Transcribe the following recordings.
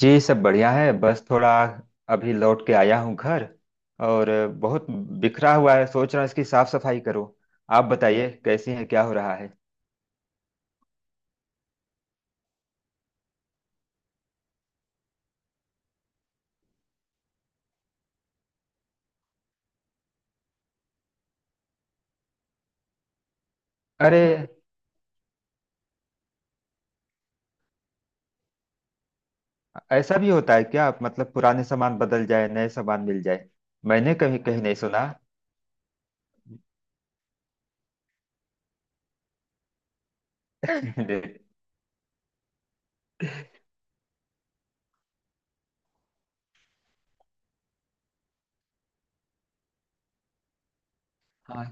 जी सब बढ़िया है, बस थोड़ा अभी लौट के आया हूँ घर। और बहुत बिखरा हुआ है, सोच रहा हूँ इसकी साफ सफाई करो। आप बताइए कैसी है, क्या हो रहा है। अरे! ऐसा भी होता है क्या? मतलब पुराने सामान बदल जाए, नए सामान मिल जाए? मैंने कभी कहीं नहीं सुना। हाँ।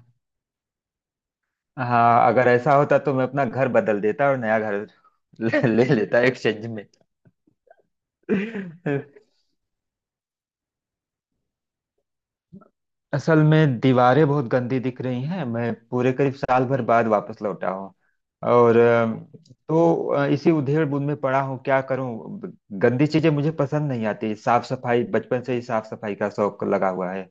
हाँ, अगर ऐसा होता तो मैं अपना घर बदल देता और नया घर। ले लेता एक्सचेंज में। असल में दीवारें बहुत गंदी दिख रही हैं, मैं पूरे करीब साल भर बाद वापस लौटा हूँ। और तो इसी उधेड़बुन में पड़ा हूँ क्या करूँ। गंदी चीजें मुझे पसंद नहीं आती। साफ सफाई बचपन से ही, साफ सफाई का शौक लगा हुआ है।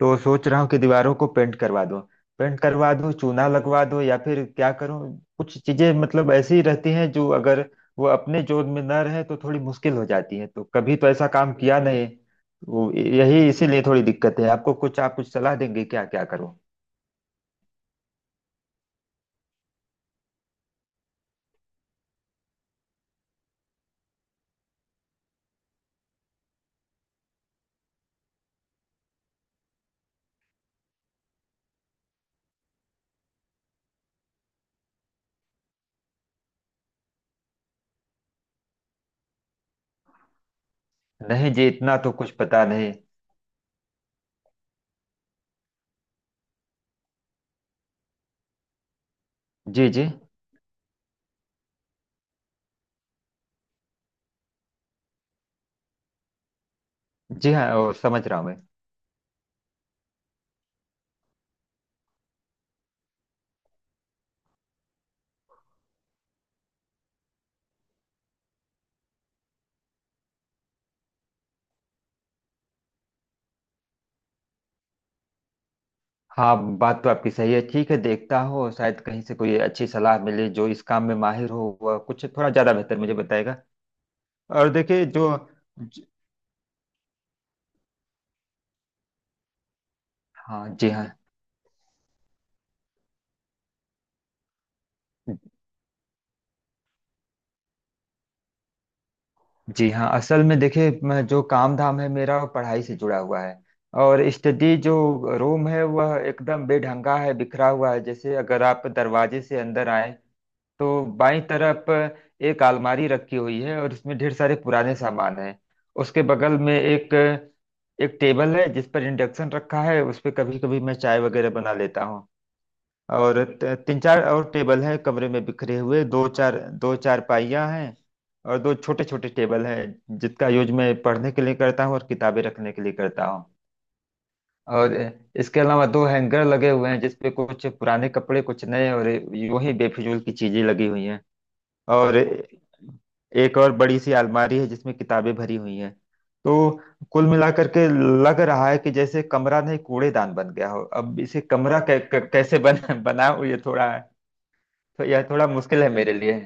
तो सोच रहा हूँ कि दीवारों को पेंट करवा दूं। पेंट करवा दूं, चूना लगवा दूं, या फिर क्या करूं। कुछ चीजें मतलब ऐसी रहती हैं जो अगर वो अपने जोन में न रहे तो थोड़ी मुश्किल हो जाती है। तो कभी तो ऐसा काम किया नहीं। वो यही, इसीलिए थोड़ी दिक्कत है। आपको कुछ, आप कुछ सलाह देंगे क्या, क्या करूं। नहीं जी, इतना तो कुछ पता नहीं। जी जी। जी हाँ, और समझ रहा हूँ मैं। हाँ, बात तो आपकी सही है। ठीक है, देखता हूँ, शायद कहीं से कोई अच्छी सलाह मिले, जो इस काम में माहिर हो वह कुछ थोड़ा ज्यादा बेहतर मुझे बताएगा। और देखिए जो ज- हाँ जी हाँ। जी हाँ, असल में देखिए, जो काम धाम है मेरा वो पढ़ाई से जुड़ा हुआ है। और स्टडी जो रूम है, वह एकदम बेढंगा है, बिखरा हुआ है। जैसे अगर आप दरवाजे से अंदर आए तो बाईं तरफ एक अलमारी रखी हुई है, और उसमें ढेर सारे पुराने सामान हैं। उसके बगल में एक एक टेबल है जिस पर इंडक्शन रखा है, उस पर कभी कभी मैं चाय वगैरह बना लेता हूँ। और तीन चार और टेबल है कमरे में बिखरे हुए, दो चार पाइयाँ हैं। और दो छोटे छोटे टेबल हैं जिसका यूज मैं पढ़ने के लिए करता हूँ और किताबें रखने के लिए करता हूँ। और इसके अलावा दो हैंगर लगे हुए हैं जिसपे कुछ पुराने कपड़े, कुछ नए, और यूं ही बेफिजूल की चीजें लगी हुई हैं। और एक और बड़ी सी अलमारी है जिसमें किताबें भरी हुई हैं। तो कुल मिलाकर के लग रहा है कि जैसे कमरा नहीं कूड़ेदान बन गया हो। अब इसे कमरा कै, कै, कैसे बन, बनाऊं, ये थोड़ा। तो यह थोड़ा मुश्किल है मेरे लिए।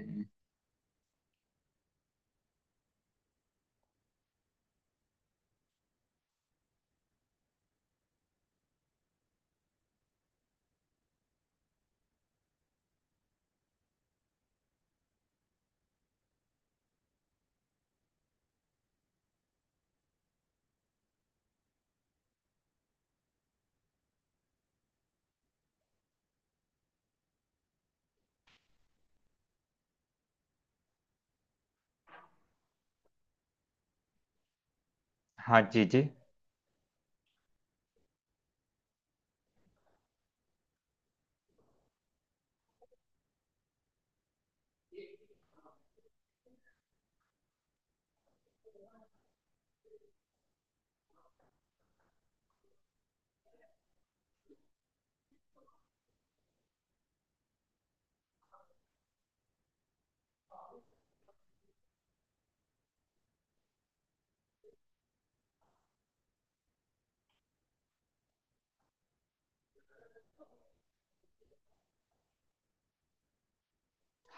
हाँ जी जी।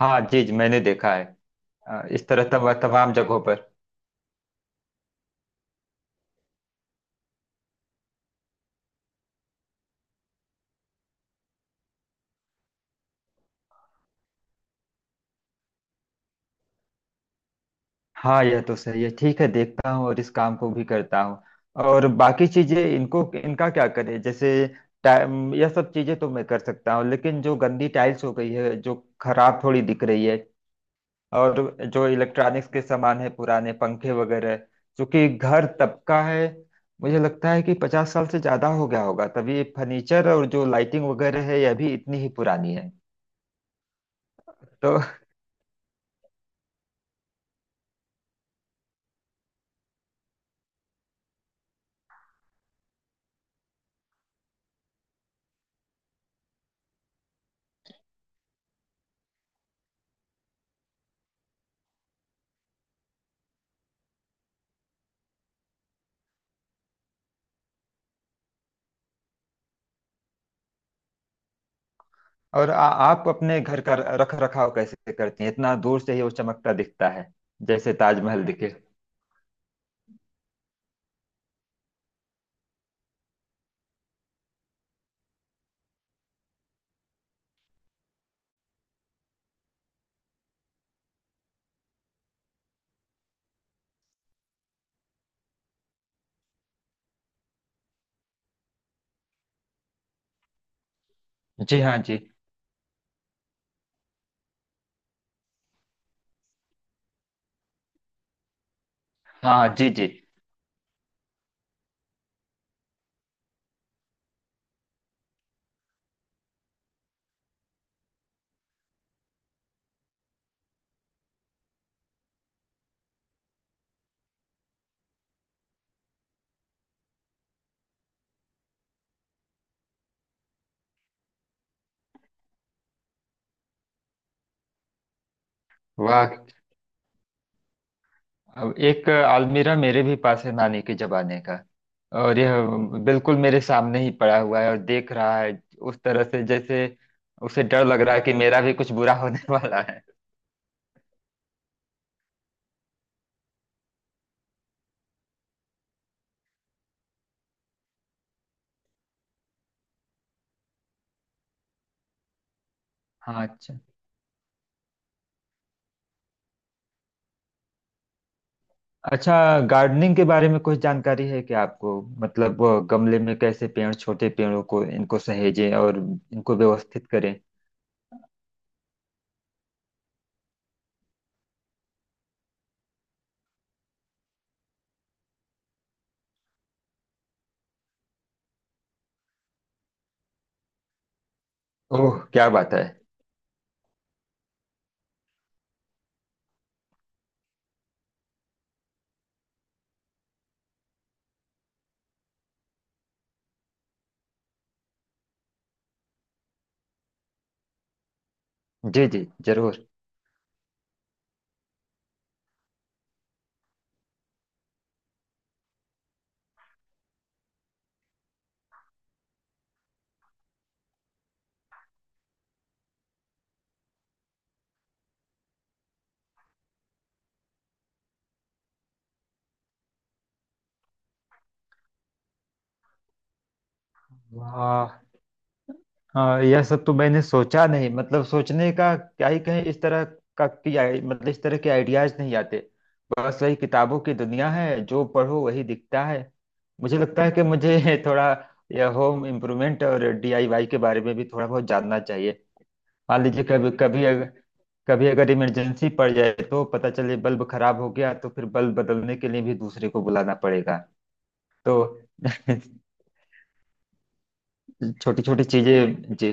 हाँ जी जी, मैंने देखा है। इस तरह तब तमाम जगहों पर। हाँ, यह तो सही है। ठीक है, देखता हूँ और इस काम को भी करता हूँ। और बाकी चीजें, इनको इनका क्या करें, जैसे टाइम। यह सब चीजें तो मैं कर सकता हूँ, लेकिन जो गंदी टाइल्स हो गई है, जो खराब थोड़ी दिख रही है। और जो इलेक्ट्रॉनिक्स के सामान है, पुराने पंखे वगैरह, क्योंकि घर तबका है। मुझे लगता है कि 50 साल से ज्यादा हो गया होगा, तभी फर्नीचर और जो लाइटिंग वगैरह है यह भी इतनी ही पुरानी है। तो और आप अपने घर का रख रखाव कैसे करती हैं, इतना दूर से ही वो चमकता दिखता है, जैसे ताजमहल दिखे। जी हाँ। जी हाँ। जी जी। वाह। अब एक अलमीरा मेरे भी पास है नानी के जमाने का, और यह बिल्कुल मेरे सामने ही पड़ा हुआ है, और देख रहा है उस तरह से जैसे उसे डर लग रहा है कि मेरा भी कुछ बुरा होने वाला है। हाँ। अच्छा। अच्छा, गार्डनिंग के बारे में कुछ जानकारी है क्या आपको? मतलब वो गमले में कैसे पेड़, छोटे पेड़ों को इनको सहेजें और इनको व्यवस्थित करें। ओह, क्या बात है! जी जी जरूर। वाह। हाँ यह सब तो मैंने सोचा नहीं। मतलब सोचने का क्या ही कहें, इस तरह का कि मतलब इस तरह के आइडियाज नहीं आते। बस वही किताबों की दुनिया है, जो पढ़ो वही दिखता है। मुझे लगता है कि मुझे थोड़ा यह होम इम्प्रूवमेंट और DIY के बारे में भी थोड़ा बहुत जानना चाहिए। मान लीजिए कभी कभी अगर, कभी अगर इमरजेंसी पड़ जाए, तो पता चले बल्ब खराब हो गया, तो फिर बल्ब बदलने के लिए भी दूसरे को बुलाना पड़ेगा। तो छोटी छोटी चीजें जी।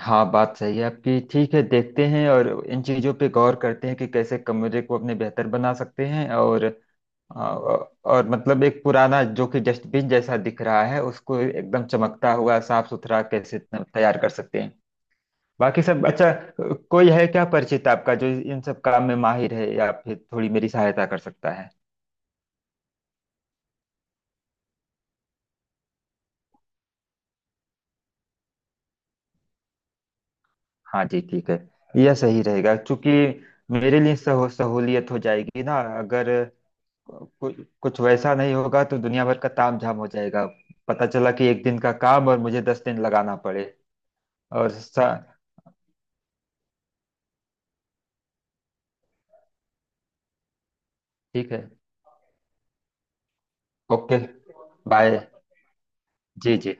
हाँ, बात सही है आपकी। ठीक है, देखते हैं और इन चीज़ों पे गौर करते हैं कि कैसे कमरे को अपने बेहतर बना सकते हैं। और आ, और मतलब एक पुराना जो कि डस्टबिन जैसा दिख रहा है उसको एकदम चमकता हुआ साफ सुथरा कैसे तैयार कर सकते हैं। बाकी सब अच्छा। कोई है क्या परिचित आपका जो इन सब काम में माहिर है या फिर थोड़ी मेरी सहायता कर सकता है? हाँ जी, ठीक है। यह सही रहेगा क्योंकि मेरे लिए सहूलियत हो जाएगी ना, अगर कुछ, कुछ वैसा नहीं होगा तो दुनिया भर का तामझाम हो जाएगा। पता चला कि एक दिन का काम और मुझे 10 दिन लगाना पड़े। और सा ठीक है। Okay bye. जी जी।